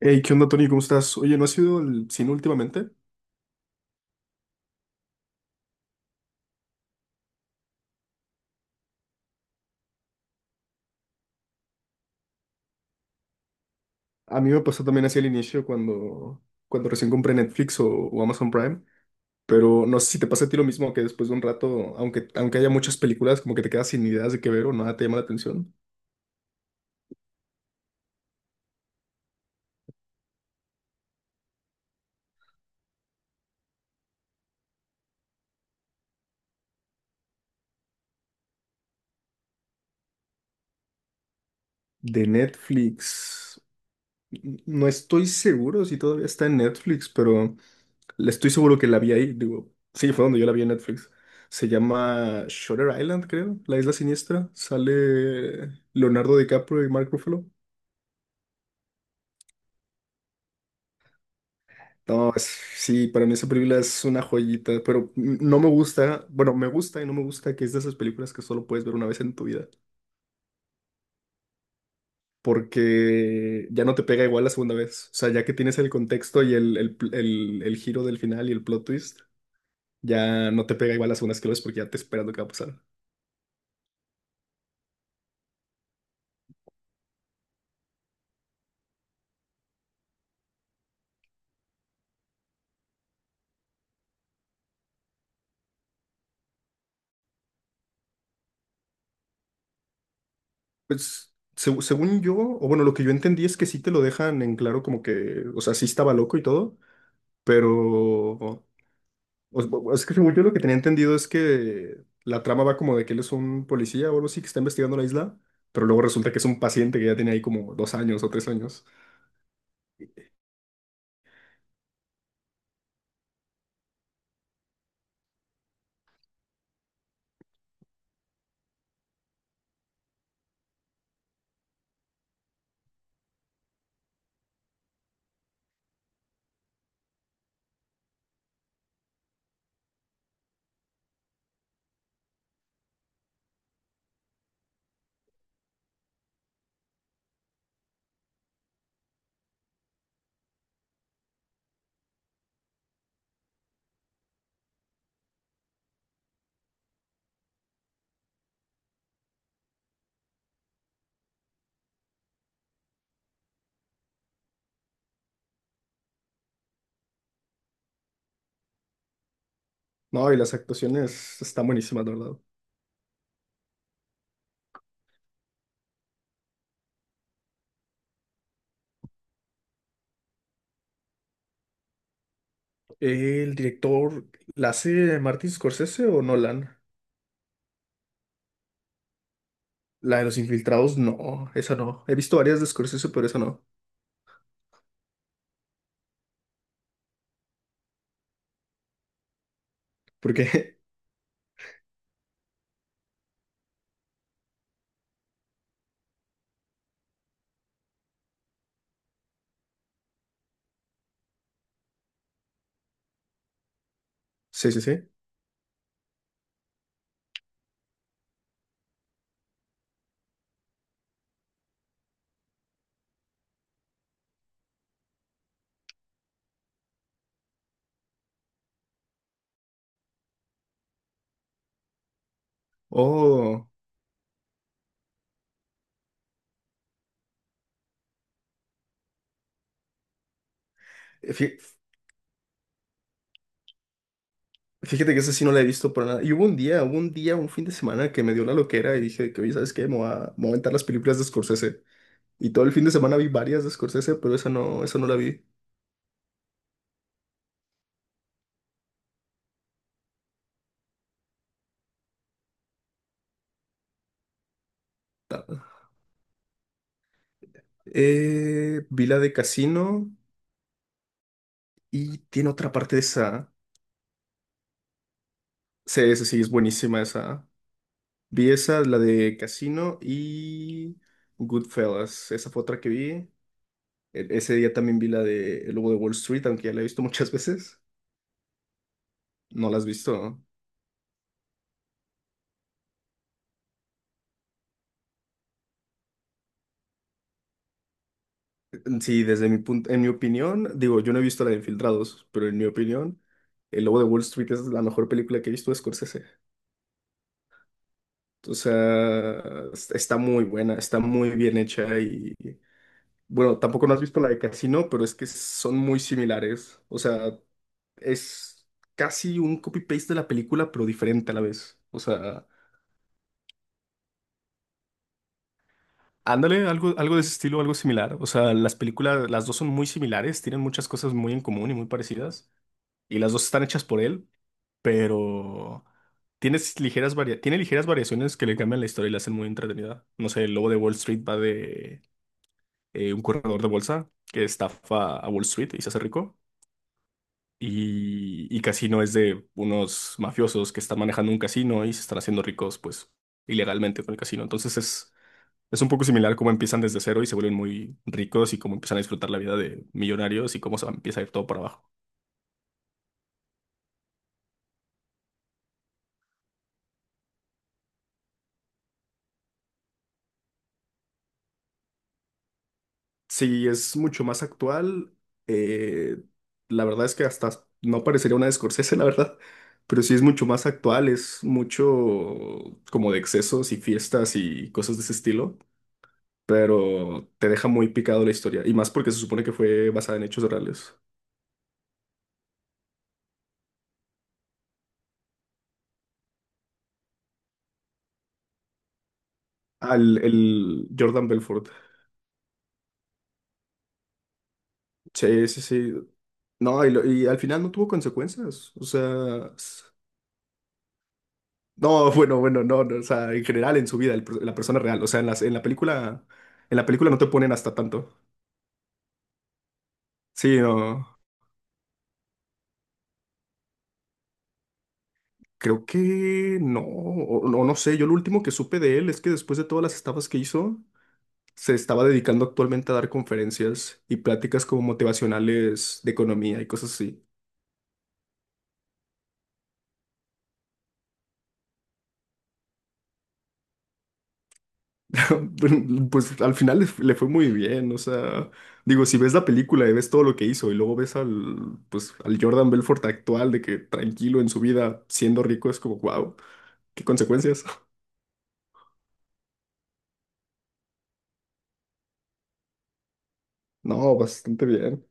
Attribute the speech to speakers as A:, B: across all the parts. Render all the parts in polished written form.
A: Hey, ¿qué onda, Tony? ¿Cómo estás? Oye, ¿no has ido al cine últimamente? A mí me pasó también así al inicio cuando recién compré Netflix o Amazon Prime, pero no sé si te pasa a ti lo mismo que después de un rato, aunque haya muchas películas, como que te quedas sin ideas de qué ver o nada te llama la atención. De Netflix. No estoy seguro si todavía está en Netflix, pero le estoy seguro que la vi ahí. Digo, sí, fue donde yo la vi en Netflix. Se llama Shutter Island, creo, La Isla Siniestra. Sale Leonardo DiCaprio y Mark Ruffalo. No, es- sí, para mí esa película es una joyita, pero no me gusta, bueno, me gusta y no me gusta que es de esas películas que solo puedes ver una vez en tu vida, porque ya no te pega igual la segunda vez. O sea, ya que tienes el contexto y el giro del final y el plot twist. Ya no te pega igual las segundas que lo ves porque ya te esperas lo que va a pasar. Pues, según yo, o bueno, lo que yo entendí es que sí te lo dejan en claro como que, o sea, sí estaba loco y todo, pero o- es que según yo lo que tenía entendido es que la trama va como de que él es un policía o algo así que está investigando la isla, pero luego resulta que es un paciente que ya tiene ahí como 2 años o 3 años. No, y las actuaciones están buenísimas, la verdad. ¿El director la hace Martin Scorsese o Nolan? La de los infiltrados, no, esa no. He visto varias de Scorsese, pero esa no. ¿Por qué? Sí, sí, sí. Oh, fí- fíjate que esa sí no la he visto para nada. Y hubo un día, un fin de semana que me dio la loquera y dije que, oye, ¿sabes qué? Me voy a aventar las películas de Scorsese. Y todo el fin de semana vi varias de Scorsese, pero esa no la vi. Ta- vi la de Casino y tiene otra parte de esa. Sí, esa sí, es buenísima esa. Vi esa, la de Casino y Goodfellas. Esa fue otra que vi. Ese día también vi la de El Lobo de Wall Street, aunque ya la he visto muchas veces. No la has visto, ¿no? Sí, desde mi punto, en mi opinión, digo, yo no he visto la de Infiltrados, pero en mi opinión, El Lobo de Wall Street es la mejor película que he visto de Scorsese. O sea, está muy buena, está muy bien hecha y bueno, tampoco no has visto la de Casino, pero es que son muy similares. O sea, es casi un copy-paste de la película, pero diferente a la vez. O sea, ándale, algo, algo de ese estilo, algo similar. O sea, las películas, las dos son muy similares, tienen muchas cosas muy en común y muy parecidas. Y las dos están hechas por él, pero tiene ligeras variaciones que le cambian la historia y la hacen muy entretenida. No sé, el lobo de Wall Street va de un corredor de bolsa que estafa a Wall Street y se hace rico. Y Casino es de unos mafiosos que están manejando un casino y se están haciendo ricos, pues, ilegalmente con el casino. Entonces es un poco similar cómo empiezan desde cero y se vuelven muy ricos y cómo empiezan a disfrutar la vida de millonarios y cómo se empieza a ir todo para abajo. Sí, es mucho más actual. eh, la verdad es que hasta no parecería una de Scorsese, la verdad, pero sí es mucho más actual, es mucho como de excesos y fiestas y cosas de ese estilo, pero te deja muy picado la historia y más porque se supone que fue basada en hechos reales. Al el Jordan Belfort. Sí, sí, sí. No, y al final no tuvo consecuencias. O sea, no, no, no, o sea, en general en su vida, la persona real. O sea, en la película no te ponen hasta tanto. Sí, no, creo que no, o, no, no sé. Yo lo último que supe de él es que después de todas las estafas que hizo, se estaba dedicando actualmente a dar conferencias y pláticas como motivacionales de economía y cosas así. Pues al final le fue muy bien, o sea, digo, si ves la película y ves todo lo que hizo y luego ves al, pues, al Jordan Belfort actual de que tranquilo en su vida, siendo rico, es como, wow, qué consecuencias. No, bastante bien.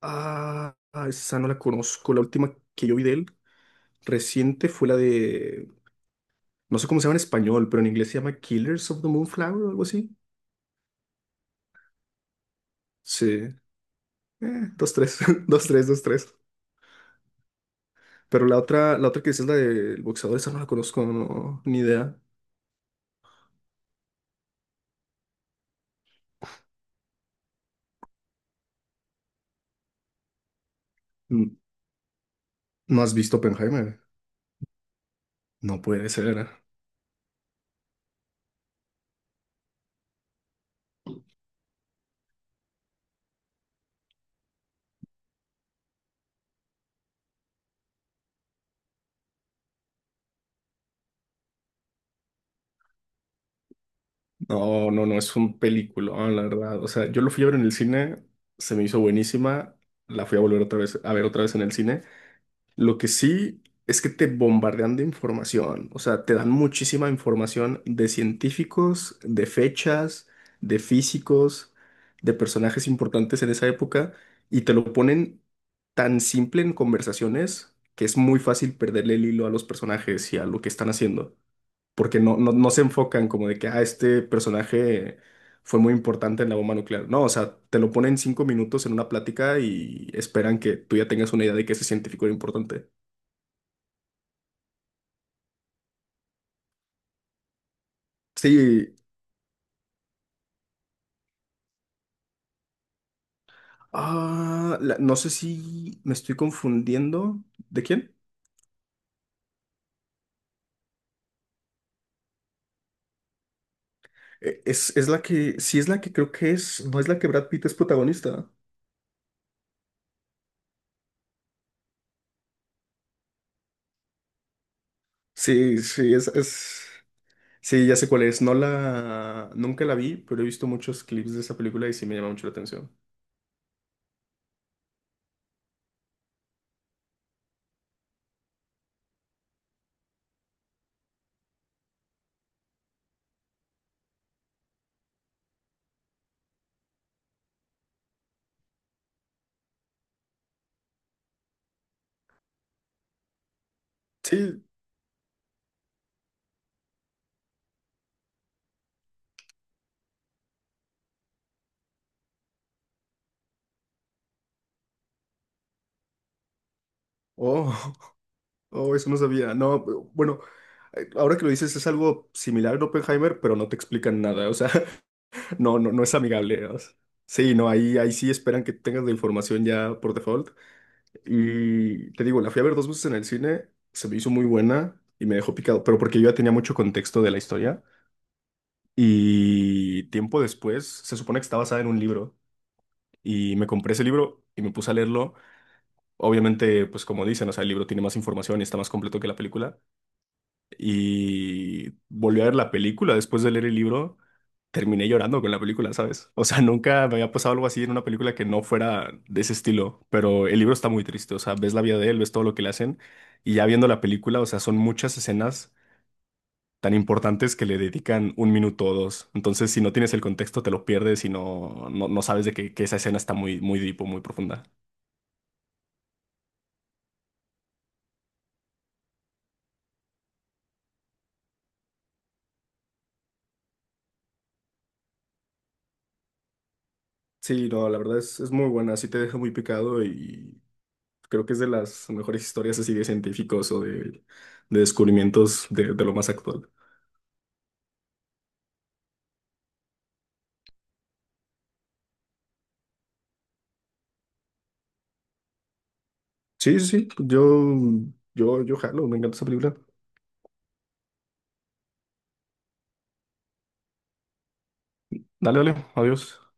A: Ah, ah, esa no la conozco. La última que yo vi de él reciente fue la de, no sé cómo se llama en español, pero en inglés se llama Killers of the Moonflower o algo así. Sí, dos, tres, dos, tres, dos, tres. Pero la otra que dices, la del boxeador, esa no la conozco, no, ni idea. N- ¿No has visto Oppenheimer? No puede ser. No, es un peliculón, la verdad. O sea, yo lo fui a ver en el cine, se me hizo buenísima, la fui a volver otra vez, a ver otra vez en el cine. Lo que sí es que te bombardean de información, o sea, te dan muchísima información de científicos, de fechas, de físicos, de personajes importantes en esa época, y te lo ponen tan simple en conversaciones que es muy fácil perderle el hilo a los personajes y a lo que están haciendo, porque no se enfocan como de que, ah, este personaje fue muy importante en la bomba nuclear. No, o sea, te lo ponen 5 minutos en una plática y esperan que tú ya tengas una idea de que ese científico era importante. Sí. No sé si me estoy confundiendo. ¿De quién? Es la que, sí es la que creo que es, no es la que Brad Pitt es protagonista. Sí, sí, es, es, sí, ya sé cuál es. No la, nunca la vi, pero he visto muchos clips de esa película y sí me llama mucho la atención. Sí. Oh, oh, eso no sabía. No, bueno, ahora que lo dices es algo similar a Oppenheimer, pero no te explican nada. O sea, no es amigable, o sea. Sí, no, ahí sí esperan que tengas la información ya por default. Y te digo, la fui a ver 2 veces en el cine, se me hizo muy buena y me dejó picado, pero porque yo ya tenía mucho contexto de la historia. Y tiempo después, se supone que está basada en un libro y me compré ese libro y me puse a leerlo. Obviamente, pues como dicen, o sea, el libro tiene más información y está más completo que la película. Y volví a ver la película después de leer el libro, terminé llorando con la película, ¿sabes? O sea, nunca me había pasado algo así en una película que no fuera de ese estilo, pero el libro está muy triste, o sea, ves la vida de él, ves todo lo que le hacen y ya viendo la película, o sea, son muchas escenas tan importantes que le dedican un minuto o dos. Entonces, si no tienes el contexto, te lo pierdes y no sabes de que esa escena está muy, muy deep o muy profunda. Sí, no, la verdad es muy buena, sí te deja muy picado y creo que es de las mejores historias así de científicos o de descubrimientos de lo más actual. Sí, sí, sí, yo jalo, me encanta esa película. Dale, dale, adiós.